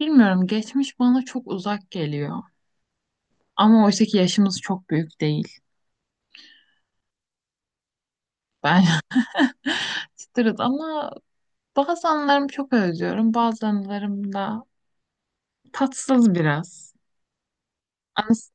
Bilmiyorum geçmiş bana çok uzak geliyor. Ama oysa ki yaşımız çok büyük değil. Ben çıtırız ama bazı anılarımı çok özlüyorum. Bazı anılarım da tatsız biraz. Anas-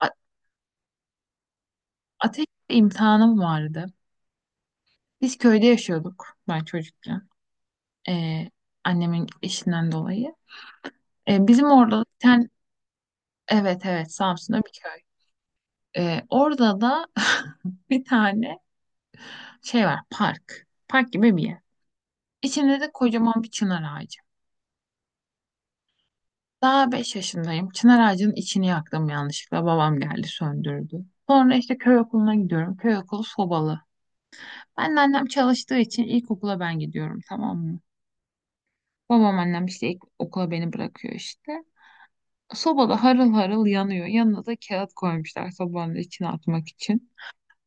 a- Ateş imtihanım vardı. Biz köyde yaşıyorduk ben çocukken. Ee, Annemin işinden dolayı. Bizim orada bir tane evet evet Samsun'da bir köy. Orada da bir tane şey var park. Park gibi bir yer. İçinde de kocaman bir çınar ağacı. Daha 5 yaşındayım. Çınar ağacının içini yaktım yanlışlıkla. Babam geldi söndürdü. Sonra işte köy okuluna gidiyorum. Köy okulu sobalı. Ben de annem çalıştığı için ilkokula ben gidiyorum, tamam mı? Babam annem işte ilk okula beni bırakıyor işte. Sobada harıl harıl yanıyor. Yanına da kağıt koymuşlar sobanın içine atmak için.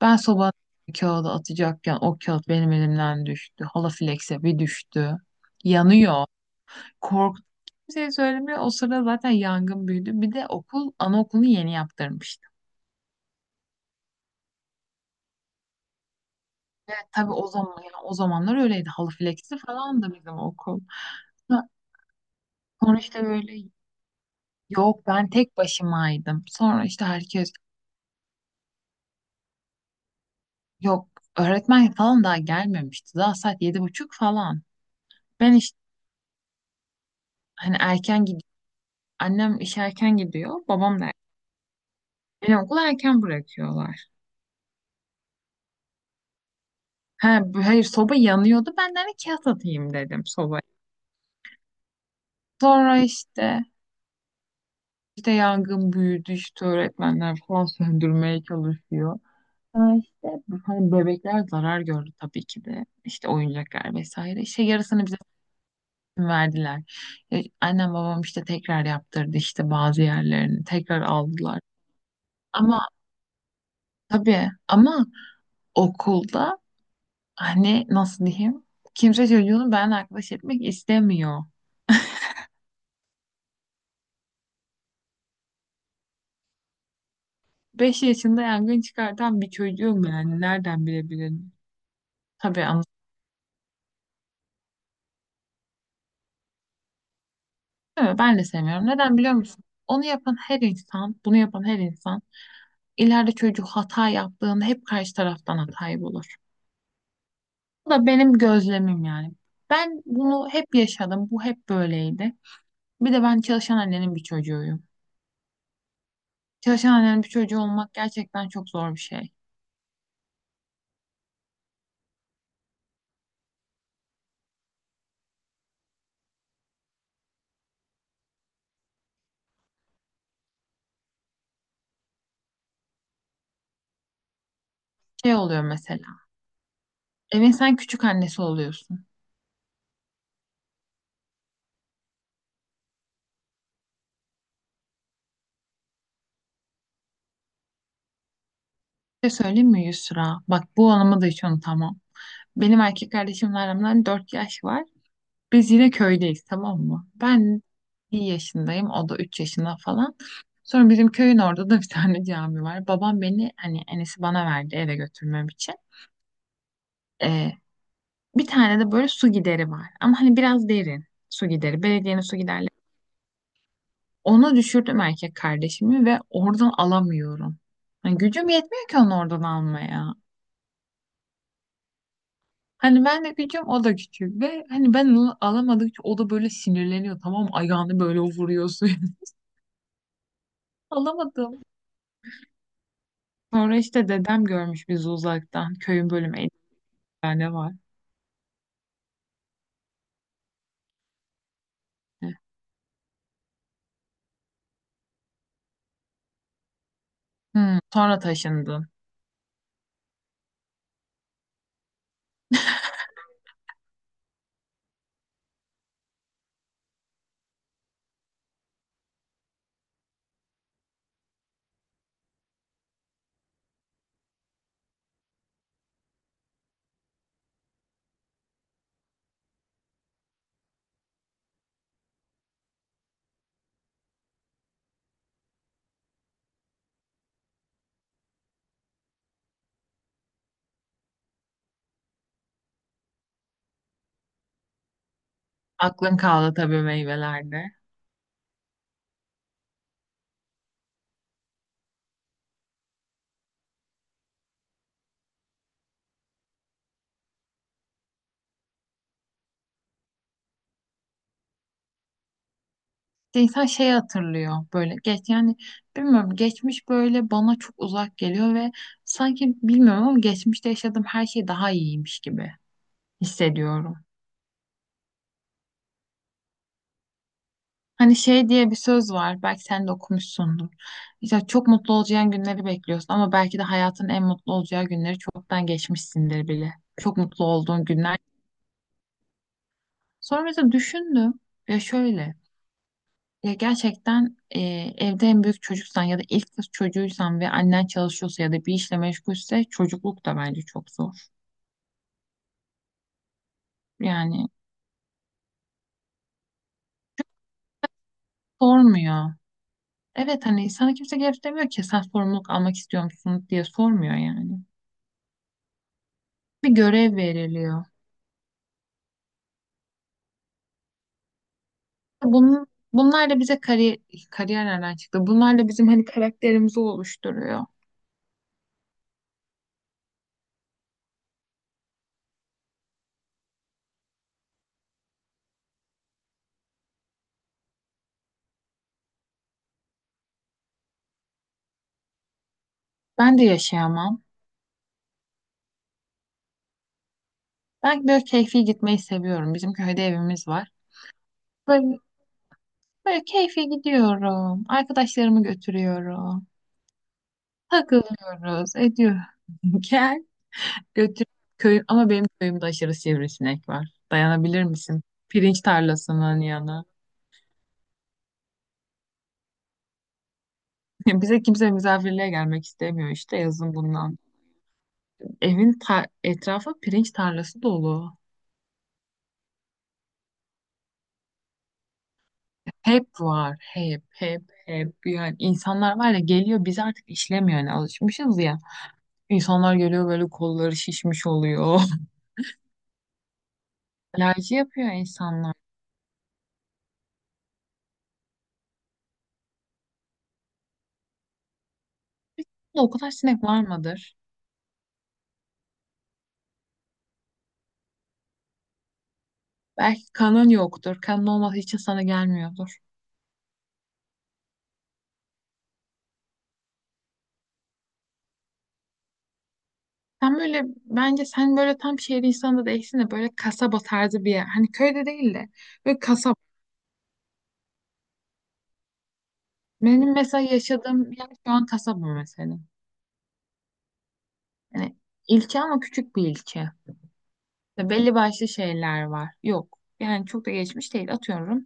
Ben sobanın kağıdı atacakken o kağıt benim elimden düştü. Halafilekse bir düştü. Yanıyor. Korktum. Kimseye söylemiyor. O sırada zaten yangın büyüdü. Bir de okul, anaokulunu yeni yaptırmıştım. Evet tabii o zaman yani o zamanlar öyleydi. Halı fleksi falan da bizim okul. Ha, sonra işte böyle yok ben tek başımaydım. Sonra işte herkes yok öğretmen falan daha gelmemişti. Daha saat 7:30 falan. Ben işte hani erken gidiyorum. Annem işe erken gidiyor. Babam da erken. Beni okula erken bırakıyorlar. Ha, hayır soba yanıyordu. Ben de hani kağıt atayım dedim sobaya. Sonra işte yangın büyüdü işte öğretmenler falan söndürmeye çalışıyor. Ha işte hani bebekler zarar gördü tabii ki de. İşte oyuncaklar vesaire. İşte yarısını bize verdiler. Annem babam işte tekrar yaptırdı işte bazı yerlerini tekrar aldılar. Ama tabii ama okulda hani nasıl diyeyim kimse çocuğunu ben arkadaş etmek istemiyor. 5 yaşında yangın çıkartan bir çocuğum yani nereden bilebilirim? Tabii. Evet, ben de sevmiyorum. Neden biliyor musun? Onu yapan her insan, bunu yapan her insan ileride çocuk hata yaptığında hep karşı taraftan hatayı bulur. Bu da benim gözlemim yani. Ben bunu hep yaşadım. Bu hep böyleydi. Bir de ben çalışan annenin bir çocuğuyum. Çalışan annenin bir çocuğu olmak gerçekten çok zor bir şey. Şey oluyor mesela. Evin sen küçük annesi oluyorsun. Bir şey söyleyeyim mi, Yusra? Bak bu anımı da hiç unutamam. Benim erkek kardeşimle aramda 4 yaş var. Biz yine köydeyiz, tamam mı? Ben 1 yaşındayım. O da 3 yaşında falan. Sonra bizim köyün orada da bir tane cami var. Babam beni hani enesi bana verdi eve götürmem için. Ee, Bir tane de böyle su gideri var. Ama hani biraz derin su gideri. Belediyenin su giderleri. Onu düşürdüm erkek kardeşimi ve oradan alamıyorum. Hani gücüm yetmiyor ki onu oradan almaya. Hani ben de küçüğüm o da küçük ve hani ben onu alamadıkça o da böyle sinirleniyor, tamam mı? Ayağını böyle vuruyor suya. Alamadım. Sonra işte dedem görmüş bizi uzaktan. Köyün bölümü 50 tane var. Hmm, sonra taşındın. Aklın kaldı tabii meyvelerde. İşte insan şey hatırlıyor böyle geç yani bilmiyorum geçmiş böyle bana çok uzak geliyor ve sanki bilmiyorum ama geçmişte yaşadığım her şey daha iyiymiş gibi hissediyorum. Hani şey diye bir söz var belki sen de okumuşsundur. İşte çok mutlu olacağın günleri bekliyorsun ama belki de hayatın en mutlu olacağı günleri çoktan geçmişsindir bile. Çok mutlu olduğun günler. Sonra mesela düşündüm ya şöyle ya gerçekten evde en büyük çocuksan ya da ilk kız çocuğuysan ve annen çalışıyorsa ya da bir işle meşgulse çocukluk da bence çok zor. Yani sormuyor. Evet hani sana kimse gelip demiyor ki sen sorumluluk almak istiyor musun diye sormuyor yani. Bir görev veriliyor. Bunun, Bunlarla bize kariyer nereden çıktı? Bunlarla bizim hani karakterimizi oluşturuyor. Ben de yaşayamam. Ben böyle keyfi gitmeyi seviyorum. Bizim köyde evimiz var. Böyle Böyle keyfe gidiyorum. Arkadaşlarımı götürüyorum. Takılıyoruz, ediyor. Gel götür köyüm ama benim köyümde aşırı sivrisinek var. Dayanabilir misin? Pirinç tarlasının yanı. Bize kimse misafirliğe gelmek istemiyor işte yazın bundan. Evin etrafı pirinç tarlası dolu. Hep var, hep, hep, hep. Yani insanlar var ya geliyor biz artık işlemiyor yani alışmışız ya. İnsanlar geliyor böyle kolları şişmiş oluyor. Alerji yapıyor insanlar. O kadar sinek var mıdır? Belki kanın yoktur. Kanın olmadığı için sana gelmiyordur. Sen böyle bence sen böyle tam şehir insanı da değilsin de böyle kasaba tarzı bir yer. Hani köyde değil de böyle kasaba. Benim mesela yaşadığım yer şu an kasaba mesela. Yani ilçe ama küçük bir ilçe. Belli başlı şeyler var. Yok. Yani çok da geçmiş değil. Atıyorum.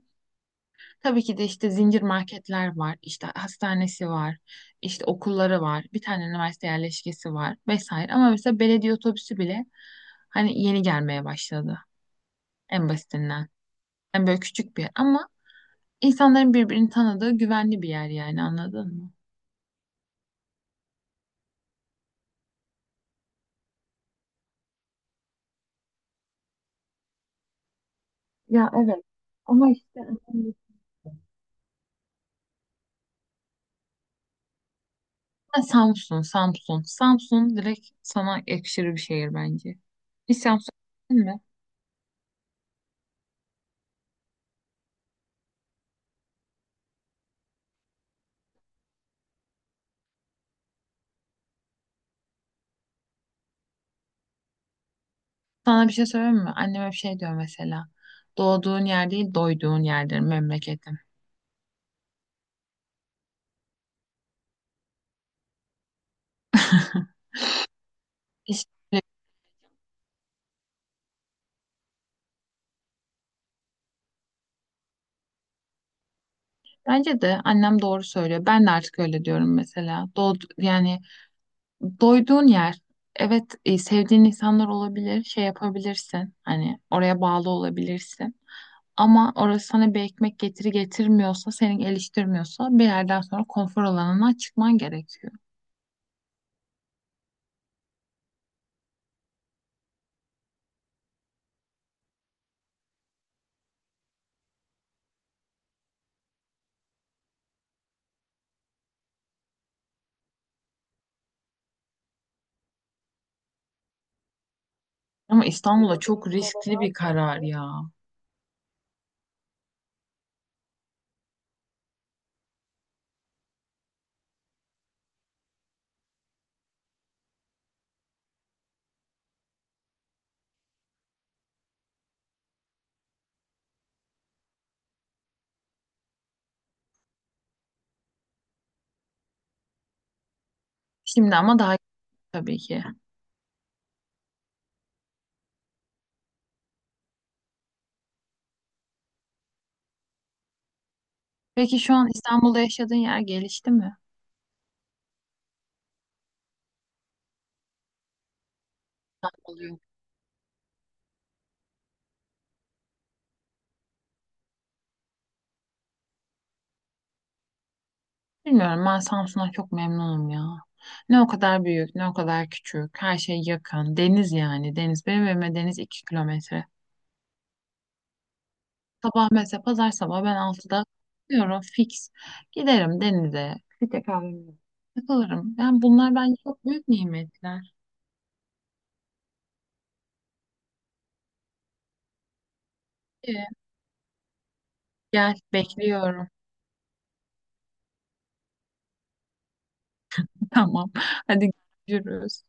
Tabii ki de işte zincir marketler var, işte hastanesi var, işte okulları var, bir tane üniversite yerleşkesi var vesaire. Ama mesela belediye otobüsü bile hani yeni gelmeye başladı en basitinden. Yani böyle küçük bir yer ama insanların birbirini tanıdığı güvenli bir yer yani anladın mı? Ya evet. Ama işte önemli. Ha, Samsun, Samsun. Samsun direkt sana yakışır bir şehir bence. Hiç Samsun. Sana bir şey söyleyeyim mi? Annem hep şey diyor mesela. Doğduğun yer değil, doyduğun yerdir memleketin. İşte bence de annem doğru söylüyor. Ben de artık öyle diyorum mesela. Yani doyduğun yer. Evet, sevdiğin insanlar olabilir, şey yapabilirsin. Hani oraya bağlı olabilirsin. Ama orası sana bir ekmek getiri getirmiyorsa, seni geliştirmiyorsa bir yerden sonra konfor alanına çıkman gerekiyor. Ama İstanbul'a çok riskli bir karar ya. Şimdi ama daha iyi tabii ki. Peki şu an İstanbul'da yaşadığın yer gelişti mi? Oluyor. Bilmiyorum, ben Samsun'a çok memnunum ya. Ne o kadar büyük, ne o kadar küçük. Her şey yakın. Deniz yani. Deniz. Benim evime deniz 2 kilometre. Sabah mesela pazar sabah ben 6'da, diyorum fix. Giderim denize. Bir tek kahvemi takılırım. Yani bunlar bence çok büyük nimetler. Ee, Gel bekliyorum. Tamam. Hadi görüşürüz.